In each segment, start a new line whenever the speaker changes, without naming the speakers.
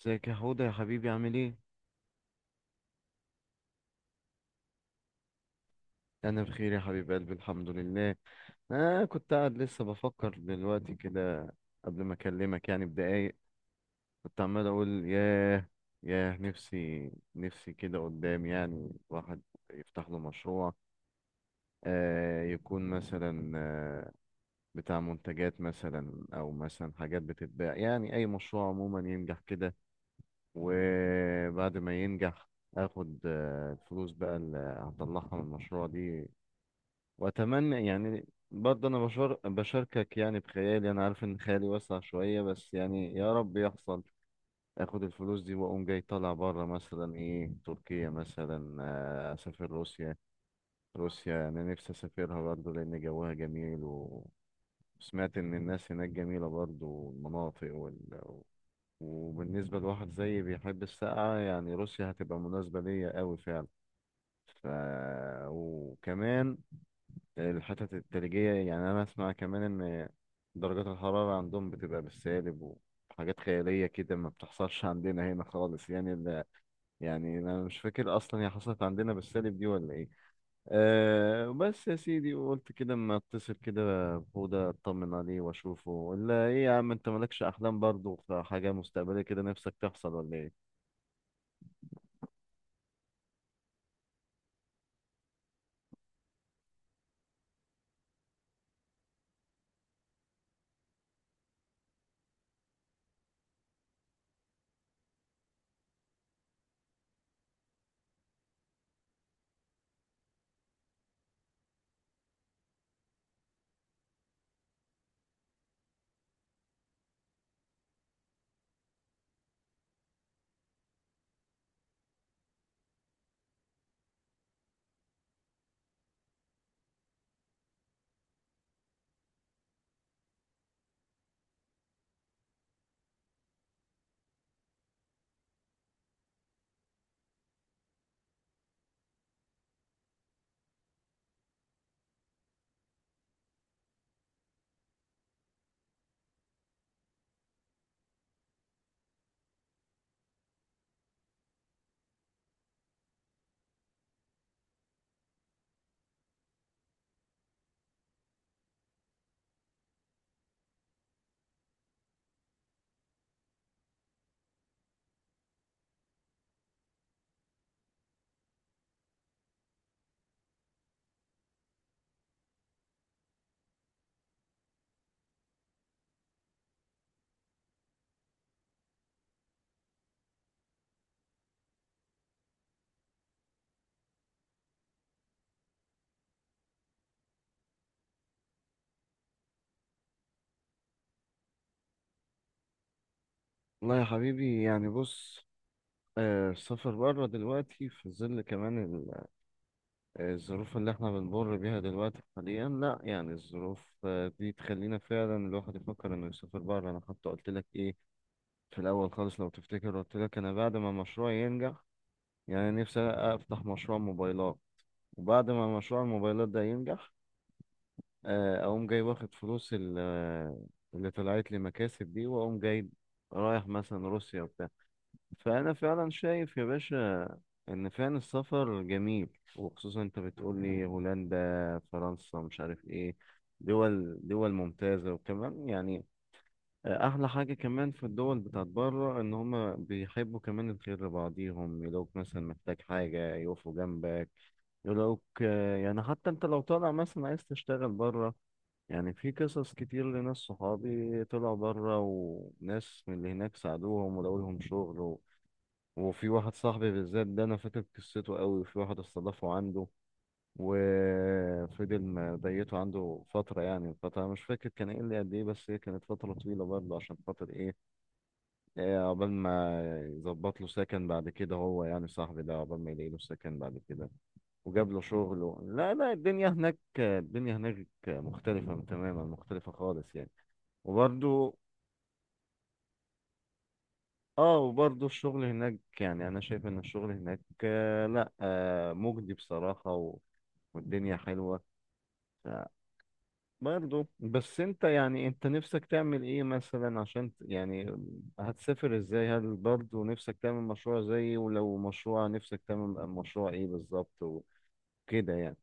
ازيك يا حوده يا حبيبي عامل ايه؟ انا بخير يا حبيب قلبي، الحمد لله. انا كنت قاعد لسه بفكر دلوقتي كده. قبل ما اكلمك يعني بدقايق، كنت عمال اقول ياه، ياه نفسي نفسي كده قدام يعني واحد يفتح له مشروع، يكون مثلا بتاع منتجات مثلا او مثلا حاجات بتتباع يعني اي مشروع عموما ينجح كده. وبعد ما ينجح، اخد الفلوس بقى اللي هطلعها من المشروع دي. واتمنى يعني برضه انا بشاركك يعني بخيالي، انا عارف ان خيالي واسع شويه بس يعني يا رب يحصل. اخد الفلوس دي واقوم جاي طالع بره مثلا ايه تركيا مثلا. اسافر روسيا. روسيا انا نفسي اسافرها برضه لان جوها جميل، وسمعت ان الناس هناك جميله برضه والمناطق. وبالنسبه لواحد زيي بيحب السقعه يعني روسيا هتبقى مناسبه ليا قوي فعلا. ف... وكمان الحتت التلجية، يعني أنا أسمع كمان إن درجات الحرارة عندهم بتبقى بالسالب، وحاجات خيالية كده ما بتحصلش عندنا هنا خالص، يعني يعني أنا مش فاكر أصلا هي حصلت عندنا بالسالب دي ولا إيه. أه بس يا سيدي قلت كده أما أتصل كده، بهدى أطمن عليه وأشوفه. ولا إيه يا عم، أنت مالكش أحلام برضه في حاجة مستقبلية كده نفسك تحصل ولا إيه؟ والله يا حبيبي يعني بص، السفر بره دلوقتي في ظل كمان الظروف اللي احنا بنمر بيها دلوقتي حاليا، لا يعني الظروف دي تخلينا فعلا الواحد يفكر انه يسافر بره. انا حتى قلت لك ايه في الاول خالص لو تفتكر، قلت لك انا بعد ما مشروعي ينجح، يعني نفسي افتح مشروع موبايلات، وبعد ما مشروع الموبايلات ده ينجح، اقوم جاي واخد فلوس اللي طلعت لي مكاسب دي، واقوم جاي رايح مثلا روسيا. فأنا فعلا شايف يا باشا إن فعلا السفر جميل، وخصوصا أنت بتقولي هولندا، فرنسا، مش عارف إيه. دول ممتازة وكمان يعني أحلى حاجة كمان في الدول بتاعت بره إن هما بيحبوا كمان الخير لبعضيهم، يلاقوك مثلا محتاج حاجة يقفوا جنبك، يلاقوك يعني حتى أنت لو طالع مثلا عايز تشتغل بره، يعني في قصص كتير لناس صحابي طلعوا بره وناس من اللي هناك ساعدوهم ولاقوا لهم شغل. وفي واحد صاحبي بالذات ده انا فاكر قصته قوي، وفي واحد استضافه عنده، وفضل مضيته عنده فترة، يعني فترة مش فاكر كان ايه اللي قد ايه بس هي كانت فترة طويلة برضه، عشان خاطر ايه، إيه، عقبال ما يظبط له سكن بعد كده، هو يعني صاحبي ده عقبال ما يلاقي له سكن بعد كده، وجاب له شغل. لا لا، الدنيا هناك، الدنيا هناك مختلفة تماما، مختلفة خالص يعني. وبرضه، اه وبرضه الشغل هناك، يعني انا شايف ان الشغل هناك، لا، مجدي بصراحة والدنيا حلوة برضه. بس انت يعني انت نفسك تعمل ايه مثلا عشان يعني هتسافر ازاي؟ هل برضه نفسك تعمل مشروع زيي؟ ولو مشروع نفسك تعمل مشروع ايه بالظبط وكده يعني.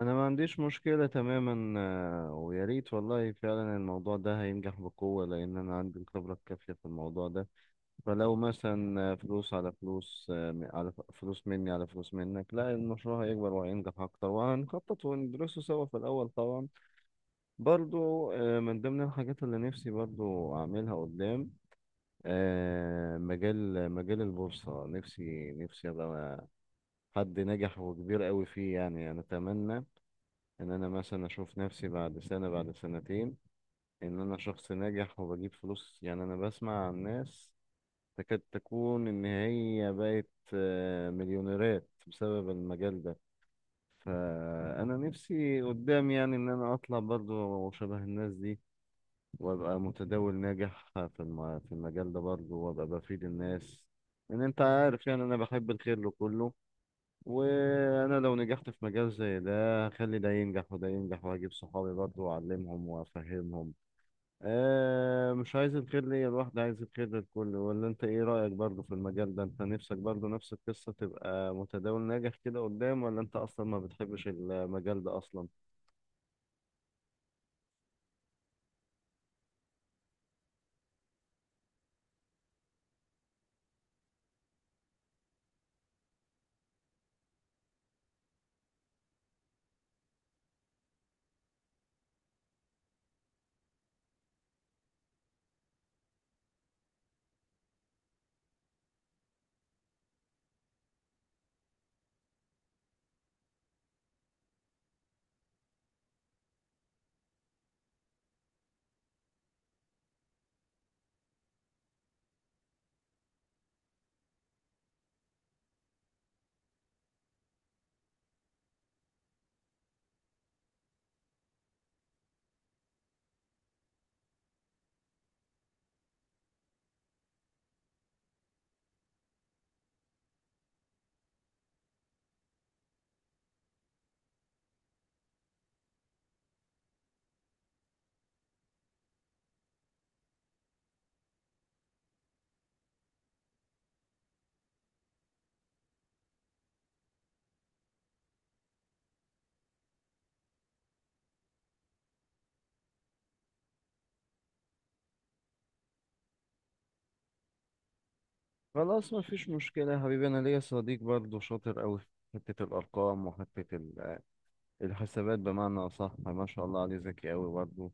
انا ما عنديش مشكلة تماما، ويا ريت والله فعلا الموضوع ده هينجح بقوة، لان انا عندي الخبرة الكافية في الموضوع ده. فلو مثلا فلوس على فلوس، على فلوس مني على فلوس منك، لا المشروع هيكبر وهينجح أكتر، وهنخطط وندرسه سوا في الأول طبعا. برضو، من ضمن الحاجات اللي نفسي برضو أعملها قدام، مجال البورصة. نفسي نفسي أبقى حد ناجح وكبير قوي فيه، يعني أنا أتمنى إن أنا مثلا أشوف نفسي بعد سنة بعد سنتين إن أنا شخص ناجح وبجيب فلوس. يعني أنا بسمع عن ناس تكاد تكون إن هي بقت مليونيرات بسبب المجال ده، فأنا نفسي قدام يعني إن أنا أطلع برضو شبه الناس دي، وأبقى متداول ناجح في المجال ده برضو، وأبقى بفيد الناس. إن أنت عارف يعني أنا بحب الخير لكله، وأنا لو نجحت في مجال زي ده هخلي ده ينجح وده ينجح، وهجيب صحابي برضو وأعلمهم وأفهمهم. مش عايز الخير ليا لوحدي، عايز الخير للكل. ولا انت ايه رأيك برضه في المجال ده؟ انت نفسك برضه نفس القصة تبقى متداول ناجح كده قدام؟ ولا انت اصلا ما بتحبش المجال ده اصلا؟ خلاص، ما فيش مشكلة يا حبيبي. انا ليا صديق برضه شاطر قوي في حتة الارقام وحتة الحسابات، بمعنى اصح ما شاء الله عليه ذكي قوي برضه.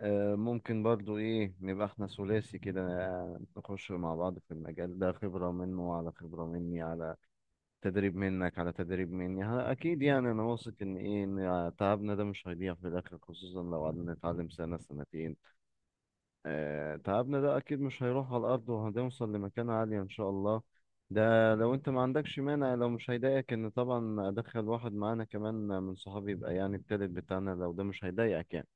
ممكن برضه ايه نبقى احنا ثلاثي كده، نخش مع بعض في المجال ده، خبرة منه على خبرة مني، على تدريب منك على تدريب مني. اكيد يعني انا واثق ان ايه ان تعبنا ده مش هيضيع في الاخر، خصوصا لو قعدنا نتعلم سنة سنتين. تعبنا ده اكيد مش هيروح على الارض، وهنوصل لمكان عالي ان شاء الله. ده لو انت ما عندكش مانع، لو مش هيضايقك ان طبعا ادخل واحد معانا كمان من صحابي، يبقى يعني التالت بتاعنا، لو ده مش هيضايقك يعني.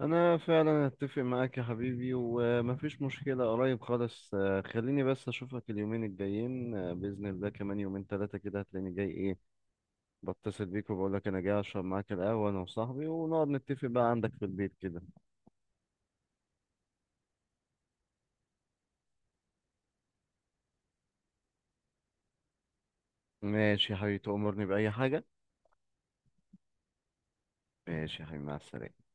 انا فعلا اتفق معاك يا حبيبي ومفيش مشكلة. قريب خالص، خليني بس اشوفك اليومين الجايين، باذن الله كمان يومين ثلاثة كده هتلاقيني جاي ايه، بتصل بيك وبقول لك انا جاي اشرب معاك القهوه انا وصاحبي، ونقعد نتفق بقى عندك في البيت كده. ماشي يا حبيبي، تأمرني بأي حاجه. ماشي يا حبيبي، مع السلامه.